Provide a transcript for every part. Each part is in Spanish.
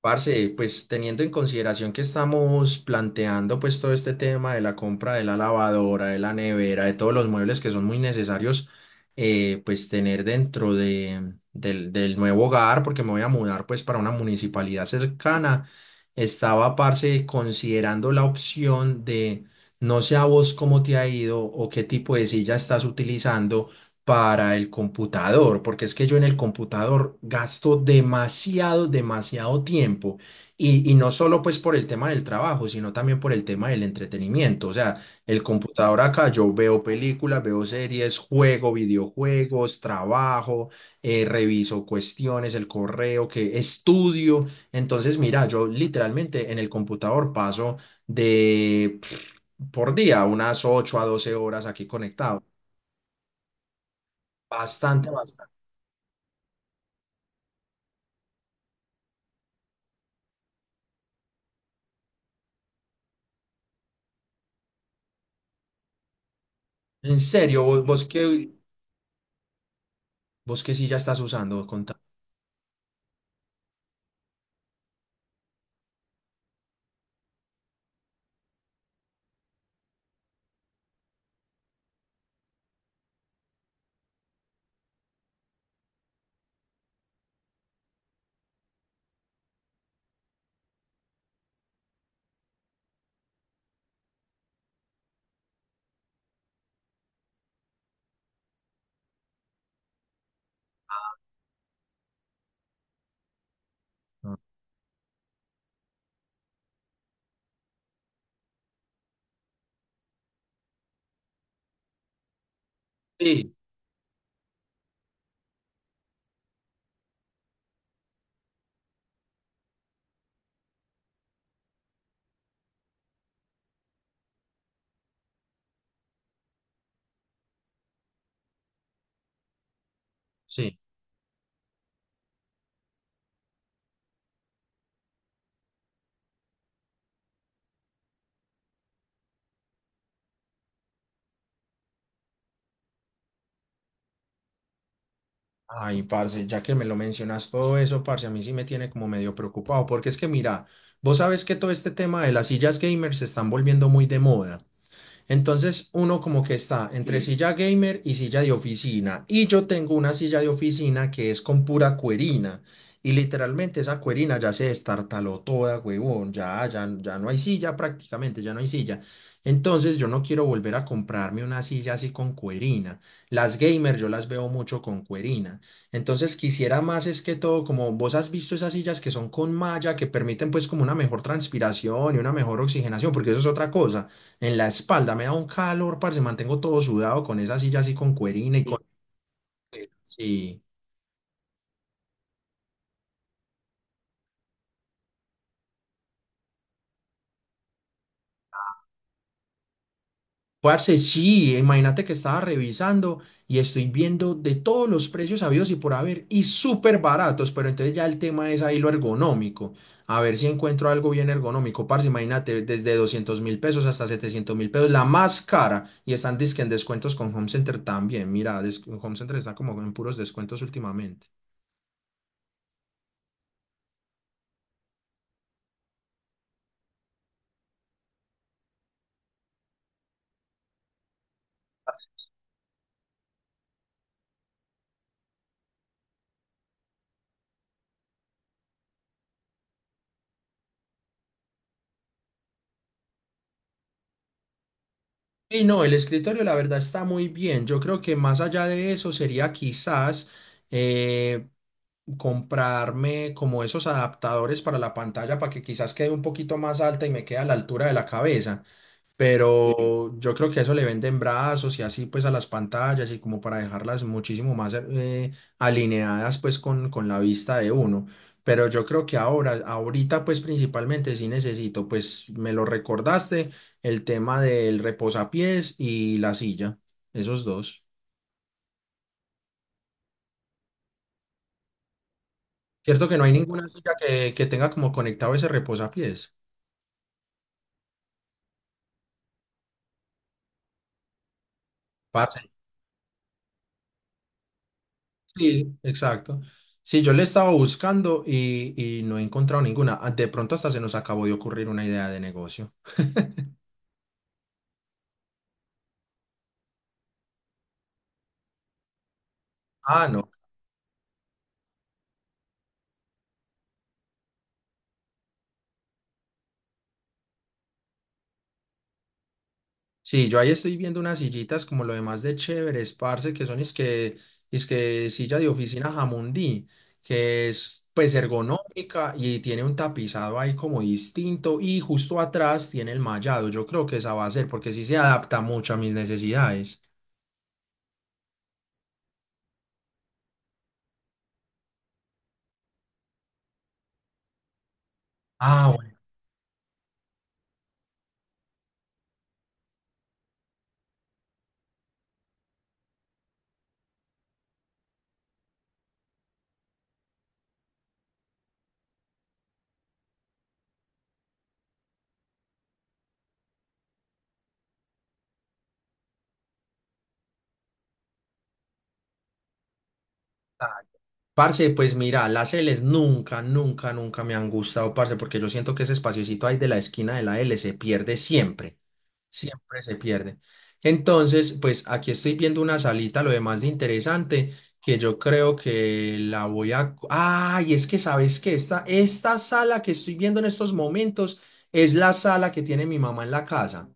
Parce, pues teniendo en consideración que estamos planteando pues todo este tema de la compra de la lavadora, de la nevera, de todos los muebles que son muy necesarios pues tener dentro del nuevo hogar, porque me voy a mudar pues para una municipalidad cercana, estaba parce considerando la opción de no sé a vos cómo te ha ido o qué tipo de silla estás utilizando para el computador, porque es que yo en el computador gasto demasiado, demasiado tiempo. Y no solo pues por el tema del trabajo, sino también por el tema del entretenimiento. O sea, el computador acá yo veo películas, veo series, juego videojuegos, trabajo, reviso cuestiones, el correo, que estudio. Entonces, mira, yo literalmente en el computador paso de pff, por día unas 8 a 12 horas aquí conectado. Bastante, bastante. En serio, vos que sí ya estás usando sí, sí. Ay, parce, ya que me lo mencionas todo eso, parce, a mí sí me tiene como medio preocupado, porque es que mira, vos sabes que todo este tema de las sillas gamers se están volviendo muy de moda. Entonces uno como que está entre, sí, silla gamer y silla de oficina. Y yo tengo una silla de oficina que es con pura cuerina. Y literalmente esa cuerina ya se destartaló toda, huevón. Ya, ya, ya no hay silla prácticamente, ya no hay silla. Entonces yo no quiero volver a comprarme una silla así con cuerina. Las gamer yo las veo mucho con cuerina. Entonces quisiera más es que todo, como vos has visto esas sillas que son con malla, que permiten pues como una mejor transpiración y una mejor oxigenación, porque eso es otra cosa. En la espalda me da un calor, parce, mantengo todo sudado con esa silla así con cuerina y, sí, con sí. Parce, sí, imagínate que estaba revisando y estoy viendo de todos los precios habidos y por haber y súper baratos, pero entonces ya el tema es ahí lo ergonómico. A ver si encuentro algo bien ergonómico, parce, imagínate, desde 200.000 pesos hasta 700.000 pesos, la más cara. Y están dizque en descuentos con Home Center también. Mira, Home Center está como en puros descuentos últimamente. Y no, el escritorio la verdad está muy bien. Yo creo que más allá de eso sería quizás eh, comprarme como esos adaptadores para la pantalla para que quizás quede un poquito más alta y me quede a la altura de la cabeza. Sí. Pero yo creo que eso le venden brazos y así pues a las pantallas y como para dejarlas muchísimo más alineadas pues con la vista de uno. Pero yo creo que ahorita pues principalmente sí necesito, pues me lo recordaste el tema del reposapiés y la silla, esos dos. Cierto que no hay ninguna silla que tenga como conectado ese reposapiés. Parce. Sí, exacto. Sí, yo le estaba buscando y no he encontrado ninguna. Ah, de pronto hasta se nos acabó de ocurrir una idea de negocio. Ah, no. Sí, yo ahí estoy viendo unas sillitas como lo demás de chéveres, parce, que es que silla de oficina Jamundí, que es pues ergonómica y tiene un tapizado ahí como distinto y justo atrás tiene el mallado. Yo creo que esa va a ser porque sí se adapta mucho a mis necesidades. Ah, bueno. Está. Parce, pues mira, las L's nunca, nunca, nunca me han gustado, parce, porque yo siento que ese espaciocito ahí de la esquina de la L se pierde siempre, siempre se pierde. Entonces, pues aquí estoy viendo una salita, lo demás de interesante, que yo creo que la voy a. Ah, y es que sabes que esta sala que estoy viendo en estos momentos es la sala que tiene mi mamá en la casa.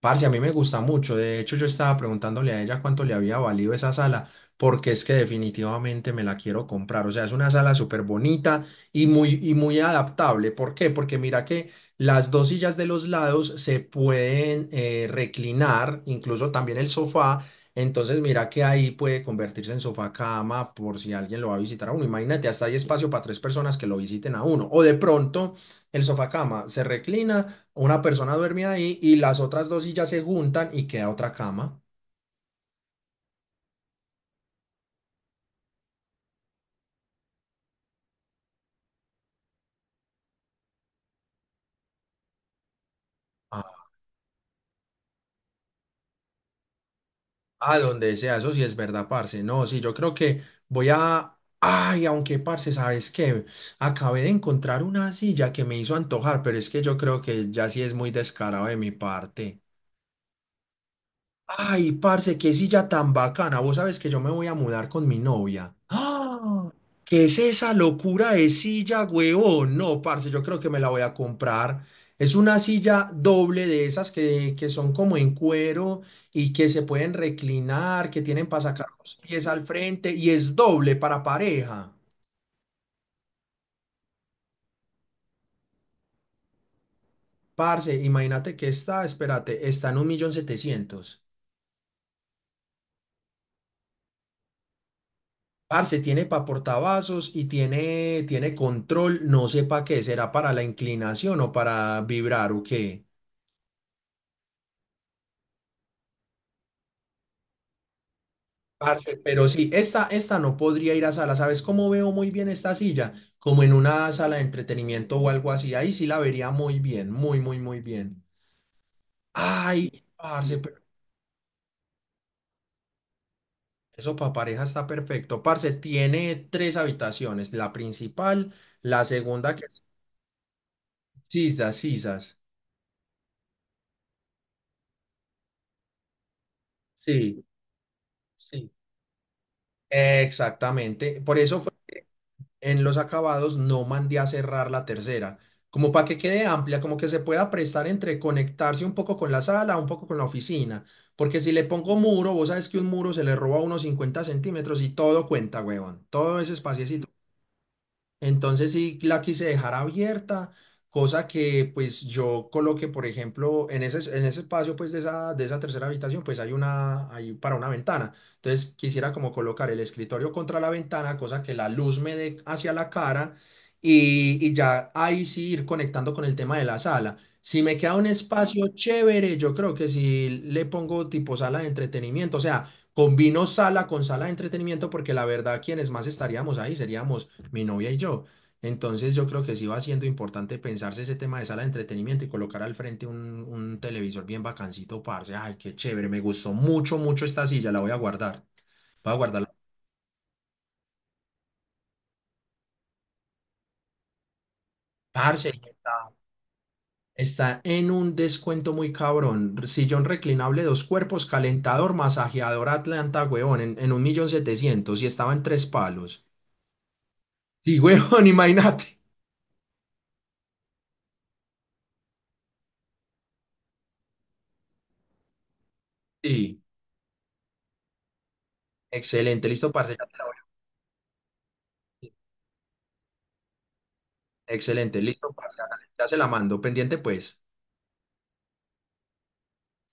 Parce, a mí me gusta mucho. De hecho, yo estaba preguntándole a ella cuánto le había valido esa sala, porque es que definitivamente me la quiero comprar. O sea, es una sala súper bonita y muy adaptable. ¿Por qué? Porque mira que las dos sillas de los lados se pueden reclinar, incluso también el sofá. Entonces, mira que ahí puede convertirse en sofá cama por si alguien lo va a visitar a uno. Imagínate, hasta hay espacio para tres personas que lo visiten a uno. O de pronto, el sofá cama se reclina, una persona duerme ahí y las otras dos sillas se juntan y queda otra cama. Ah, ah, donde sea, eso sí es verdad, parce. No, sí, yo creo que voy a. Ay, aunque, parce, ¿sabes qué? Acabé de encontrar una silla que me hizo antojar, pero es que yo creo que ya sí es muy descarado de mi parte. Ay, parce, qué silla tan bacana. Vos sabes que yo me voy a mudar con mi novia. ¡Ah! ¿Qué es esa locura de silla, huevón? No, parce, yo creo que me la voy a comprar. Es una silla doble de esas que son como en cuero y que se pueden reclinar, que tienen para sacar los pies al frente y es doble para pareja. Parce, imagínate que espérate, está en 1.700.000. Parce, tiene para portavasos y tiene, control, no sé para qué, será para la inclinación o para vibrar o qué. Parce, pero sí, esta no podría ir a sala. ¿Sabes cómo veo muy bien esta silla? Como en una sala de entretenimiento o algo así. Ahí sí la vería muy bien, muy, muy, muy bien. Ay, parce, pero eso para pareja está perfecto. Parce, tiene tres habitaciones, la principal, la segunda que es sisas, sisas. Sí, sí. Exactamente. Por eso en los acabados no mandé a cerrar la tercera, como para que quede amplia, como que se pueda prestar entre conectarse un poco con la sala, un poco con la oficina, porque si le pongo muro, vos sabes que un muro se le roba unos 50 centímetros y todo cuenta, huevón, todo ese espacio, entonces sí la quise dejar abierta, cosa que pues yo coloqué, por ejemplo, en ese espacio pues de esa tercera habitación pues hay para una ventana. Entonces quisiera como colocar el escritorio contra la ventana, cosa que la luz me dé hacia la cara y ya ahí sí ir conectando con el tema de la sala. Si me queda un espacio chévere, yo creo que si le pongo tipo sala de entretenimiento, o sea, combino sala con sala de entretenimiento porque la verdad quienes más estaríamos ahí seríamos mi novia y yo. Entonces yo creo que sí va siendo importante pensarse ese tema de sala de entretenimiento y colocar al frente un televisor bien bacancito, parce. Ay, qué chévere, me gustó mucho, mucho esta silla, la voy a guardar. Voy a guardarla. Parce, y está en un descuento muy cabrón. Sillón reclinable, dos cuerpos, calentador, masajeador Atlanta, huevón, en 1.700.000 y estaba en tres palos. Sí, huevón, imagínate. Sí, excelente, listo, parce, ya te la Excelente, listo, parce, hágale, ya se la mando, pendiente pues.